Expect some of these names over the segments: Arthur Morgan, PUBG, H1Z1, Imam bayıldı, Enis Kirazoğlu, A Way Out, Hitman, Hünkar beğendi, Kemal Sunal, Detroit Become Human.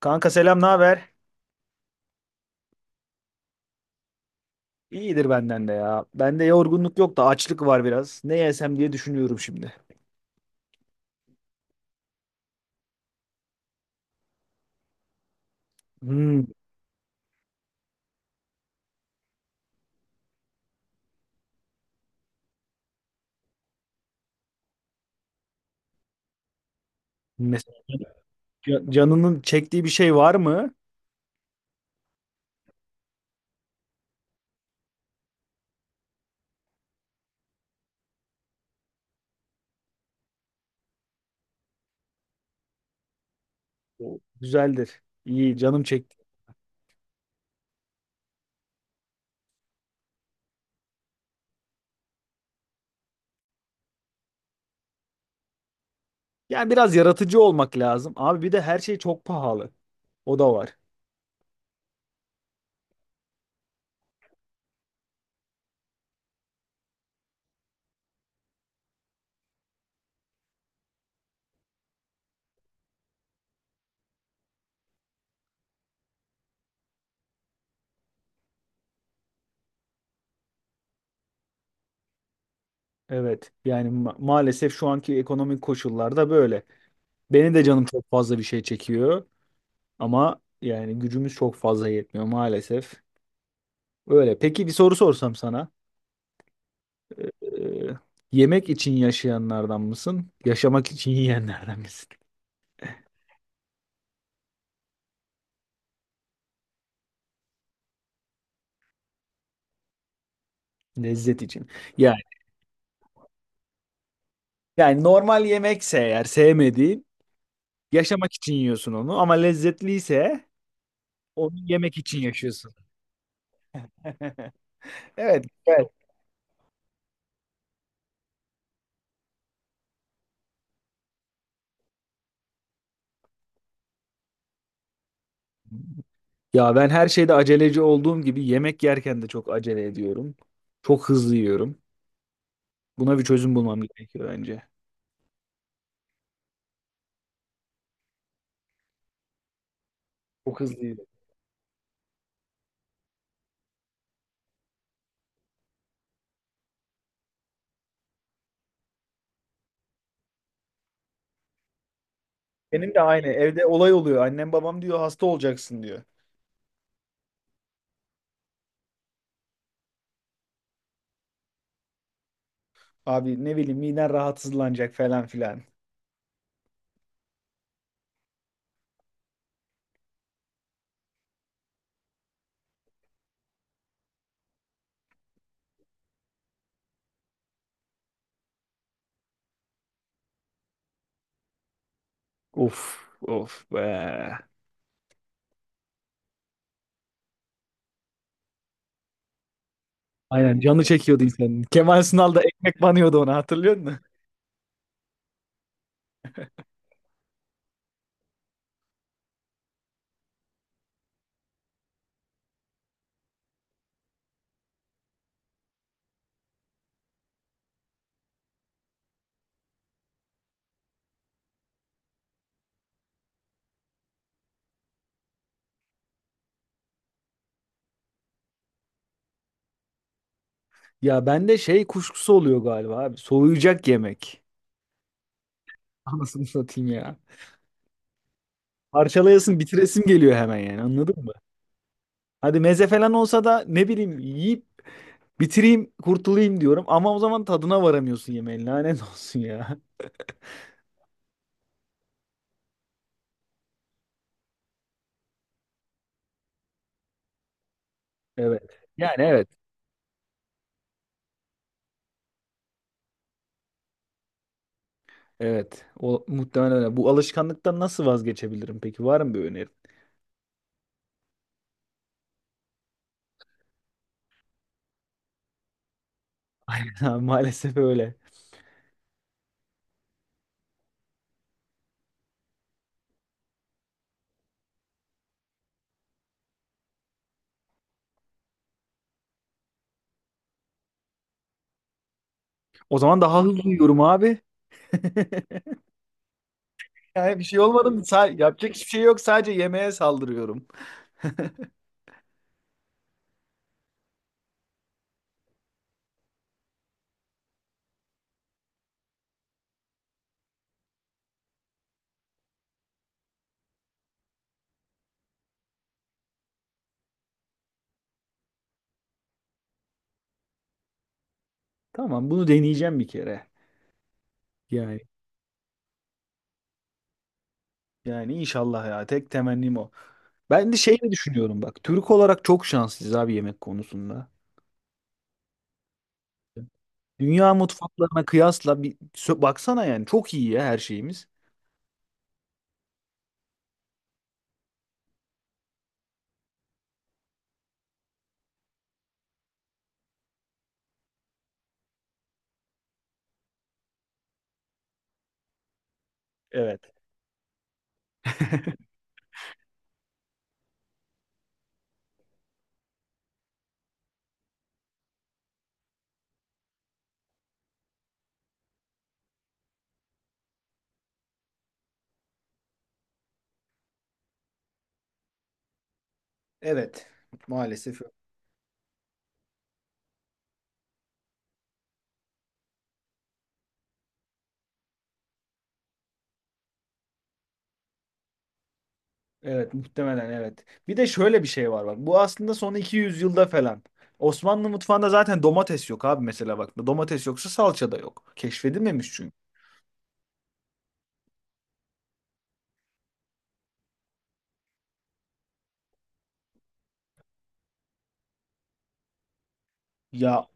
Kanka selam, ne haber? İyidir benden de ya. Bende yorgunluk yok da açlık var biraz. Ne yesem diye düşünüyorum şimdi. Hmm, mesela canının çektiği bir şey var mı? O güzeldir. İyi, canım çekti. Yani biraz yaratıcı olmak lazım. Abi bir de her şey çok pahalı. O da var. Evet. Yani maalesef şu anki ekonomik koşullarda böyle. Beni de canım çok fazla bir şey çekiyor ama yani gücümüz çok fazla yetmiyor maalesef. Öyle. Peki bir soru sorsam sana. Ee, yemek için yaşayanlardan mısın? Yaşamak için yiyenlerden misin? Lezzet için. Yani, yani normal yemekse eğer sevmediğin yaşamak için yiyorsun onu, ama lezzetliyse onu yemek için yaşıyorsun. Evet, güzel. Ya ben her şeyde aceleci olduğum gibi yemek yerken de çok acele ediyorum. Çok hızlı yiyorum. Buna bir çözüm bulmam gerekiyor bence. Çok hızlı yiyorum. Benim de aynı. Evde olay oluyor. Annem babam diyor hasta olacaksın diyor. Abi ne bileyim miden rahatsızlanacak falan filan. Of of be. Aynen canı çekiyordu insanın. Kemal Sunal da ekmek banıyordu ona, hatırlıyor musun? Ya bende şey kuşkusu oluyor galiba abi. Soğuyacak yemek. Anasını satayım ya. Parçalayasın bitiresim geliyor hemen, yani anladın mı? Hadi meze falan olsa da ne bileyim yiyip bitireyim kurtulayım diyorum. Ama o zaman tadına varamıyorsun yemeğin, lanet olsun ya. Evet. Yani evet. Evet, o muhtemelen öyle. Bu alışkanlıktan nasıl vazgeçebilirim peki? Var mı bir önerin? Ha, maalesef öyle. O zaman daha hızlı uyuyorum abi. Yani bir şey olmadı mı? Yapacak hiçbir şey yok. Sadece yemeğe saldırıyorum. Tamam, bunu deneyeceğim bir kere. Yani, inşallah ya. Tek temennim o. Ben de şey mi düşünüyorum bak. Türk olarak çok şanslıyız abi yemek konusunda. Dünya mutfaklarına kıyasla bir baksana, yani çok iyi ya her şeyimiz. Evet. Evet. Maalesef. Evet, muhtemelen evet. Bir de şöyle bir şey var bak. Bu aslında son 200 yılda falan. Osmanlı mutfağında zaten domates yok abi mesela bak. Domates yoksa salça da yok. Keşfedilmemiş çünkü. Ya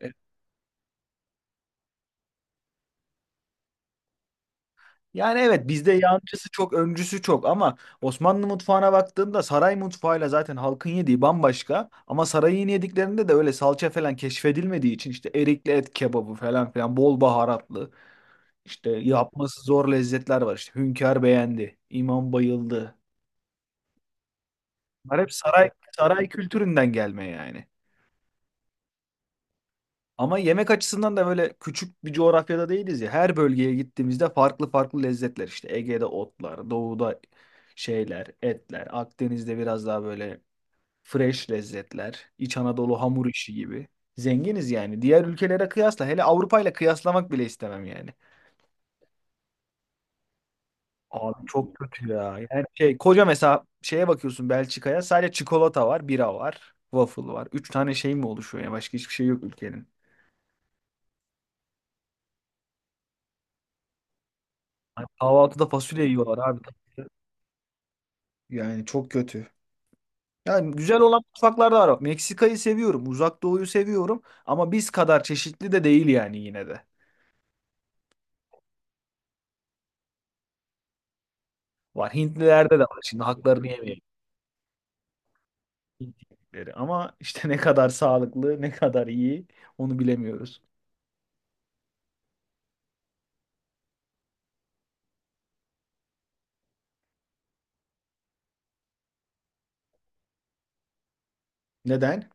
e, yani evet, bizde yancısı çok, öncüsü çok ama Osmanlı mutfağına baktığında saray mutfağıyla zaten halkın yediği bambaşka, ama sarayın yediklerinde de öyle salça falan keşfedilmediği için işte erikli et kebabı falan filan bol baharatlı İşte yapması zor lezzetler var. İşte Hünkar Beğendi, imam bayıldı. Bunlar hep saray kültüründen gelme yani. Ama yemek açısından da böyle küçük bir coğrafyada değiliz ya. Her bölgeye gittiğimizde farklı farklı lezzetler işte. Ege'de otlar, doğuda şeyler, etler, Akdeniz'de biraz daha böyle fresh lezzetler, İç Anadolu hamur işi gibi. Zenginiz yani. Diğer ülkelere kıyasla, hele Avrupa ile kıyaslamak bile istemem yani. Abi çok kötü ya. Yani şey, koca mesela şeye bakıyorsun Belçika'ya, sadece çikolata var, bira var, waffle var. Üç tane şey mi oluşuyor ya? Başka hiçbir şey yok ülkenin. Hani kahvaltıda fasulye yiyorlar abi. Yani çok kötü. Yani güzel olan mutfaklar da var. Meksika'yı seviyorum. Uzak Doğu'yu seviyorum. Ama biz kadar çeşitli de değil yani, yine de. Var. Hintlilerde de var. Şimdi haklarını yemeyelim. Hintlileri. Ama işte ne kadar sağlıklı, ne kadar iyi onu bilemiyoruz. Neden?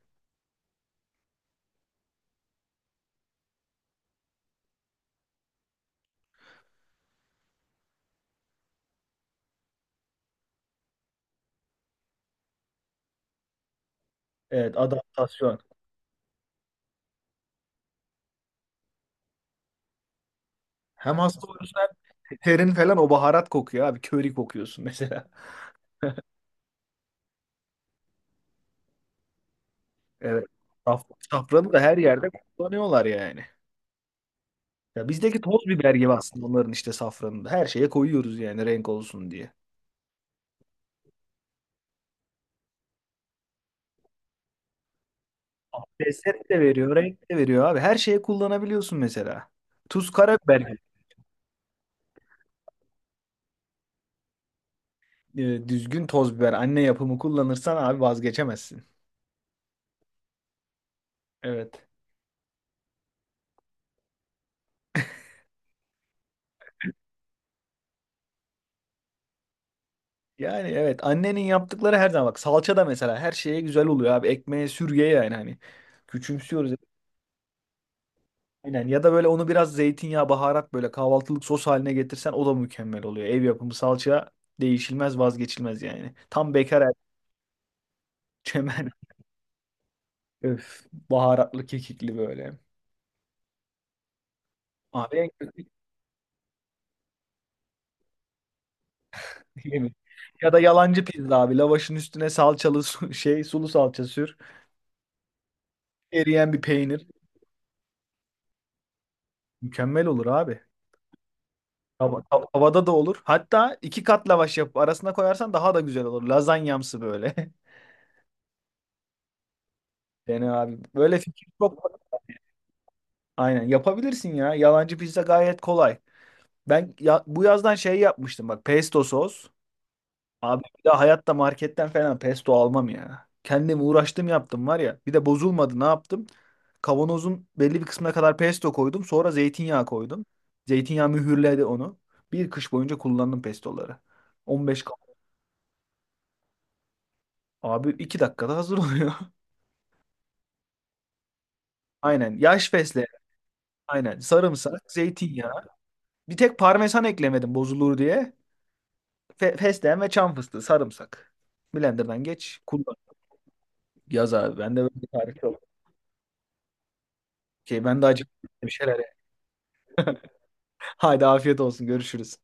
Evet, adaptasyon. Hem hasta oluyorsun hem terin falan o baharat kokuyor abi. Köri kokuyorsun mesela. Evet. Saf- safranı da her yerde kullanıyorlar yani. Ya bizdeki toz biber gibi aslında onların işte safranı da. Her şeye koyuyoruz yani renk olsun diye. Ah, lezzet de veriyor, renk de veriyor abi. Her şeye kullanabiliyorsun mesela. Tuz, karabiber gibi. Düzgün toz biber, anne yapımı kullanırsan abi vazgeçemezsin. Evet. Yani evet, annenin yaptıkları her zaman, bak salça da mesela her şeye güzel oluyor abi. Ekmeğe sürgeye yani hani. Küçümsüyoruz. Aynen, ya da böyle onu biraz zeytinyağı, baharat böyle kahvaltılık sos haline getirsen o da mükemmel oluyor. Ev yapımı salça değişilmez, vazgeçilmez yani. Çemen. Öf, baharatlı kekikli böyle. Abi en kötü yemek. Ya da yalancı pizza abi. Lavaşın üstüne salçalı şey, sulu salça sür. Eriyen bir peynir. Mükemmel olur abi. Tavada da olur. Hatta iki kat lavaş yapıp arasına koyarsan daha da güzel olur. Lazanyamsı böyle. Yani abi böyle fikir çok. Aynen, yapabilirsin ya. Yalancı pizza gayet kolay. Ben ya, bu yazdan şey yapmıştım bak, pesto sos. Abi bir daha hayatta marketten falan pesto almam ya. Kendim uğraştım yaptım var ya. Bir de bozulmadı, ne yaptım? Kavanozun belli bir kısmına kadar pesto koydum. Sonra zeytinyağı koydum. Zeytinyağı mühürledi onu. Bir kış boyunca kullandım pestoları. 15 abi 2 dakikada hazır oluyor. Aynen. Yaş fesleğen. Aynen. Sarımsak, zeytinyağı. Bir tek parmesan eklemedim bozulur diye. Fesleğen ve çam fıstığı, sarımsak. Blender'dan geç, kullan. Yaz abi. Bende böyle bir tarif yok. Şey, ben de acıktım bir şeyler. Haydi afiyet olsun. Görüşürüz.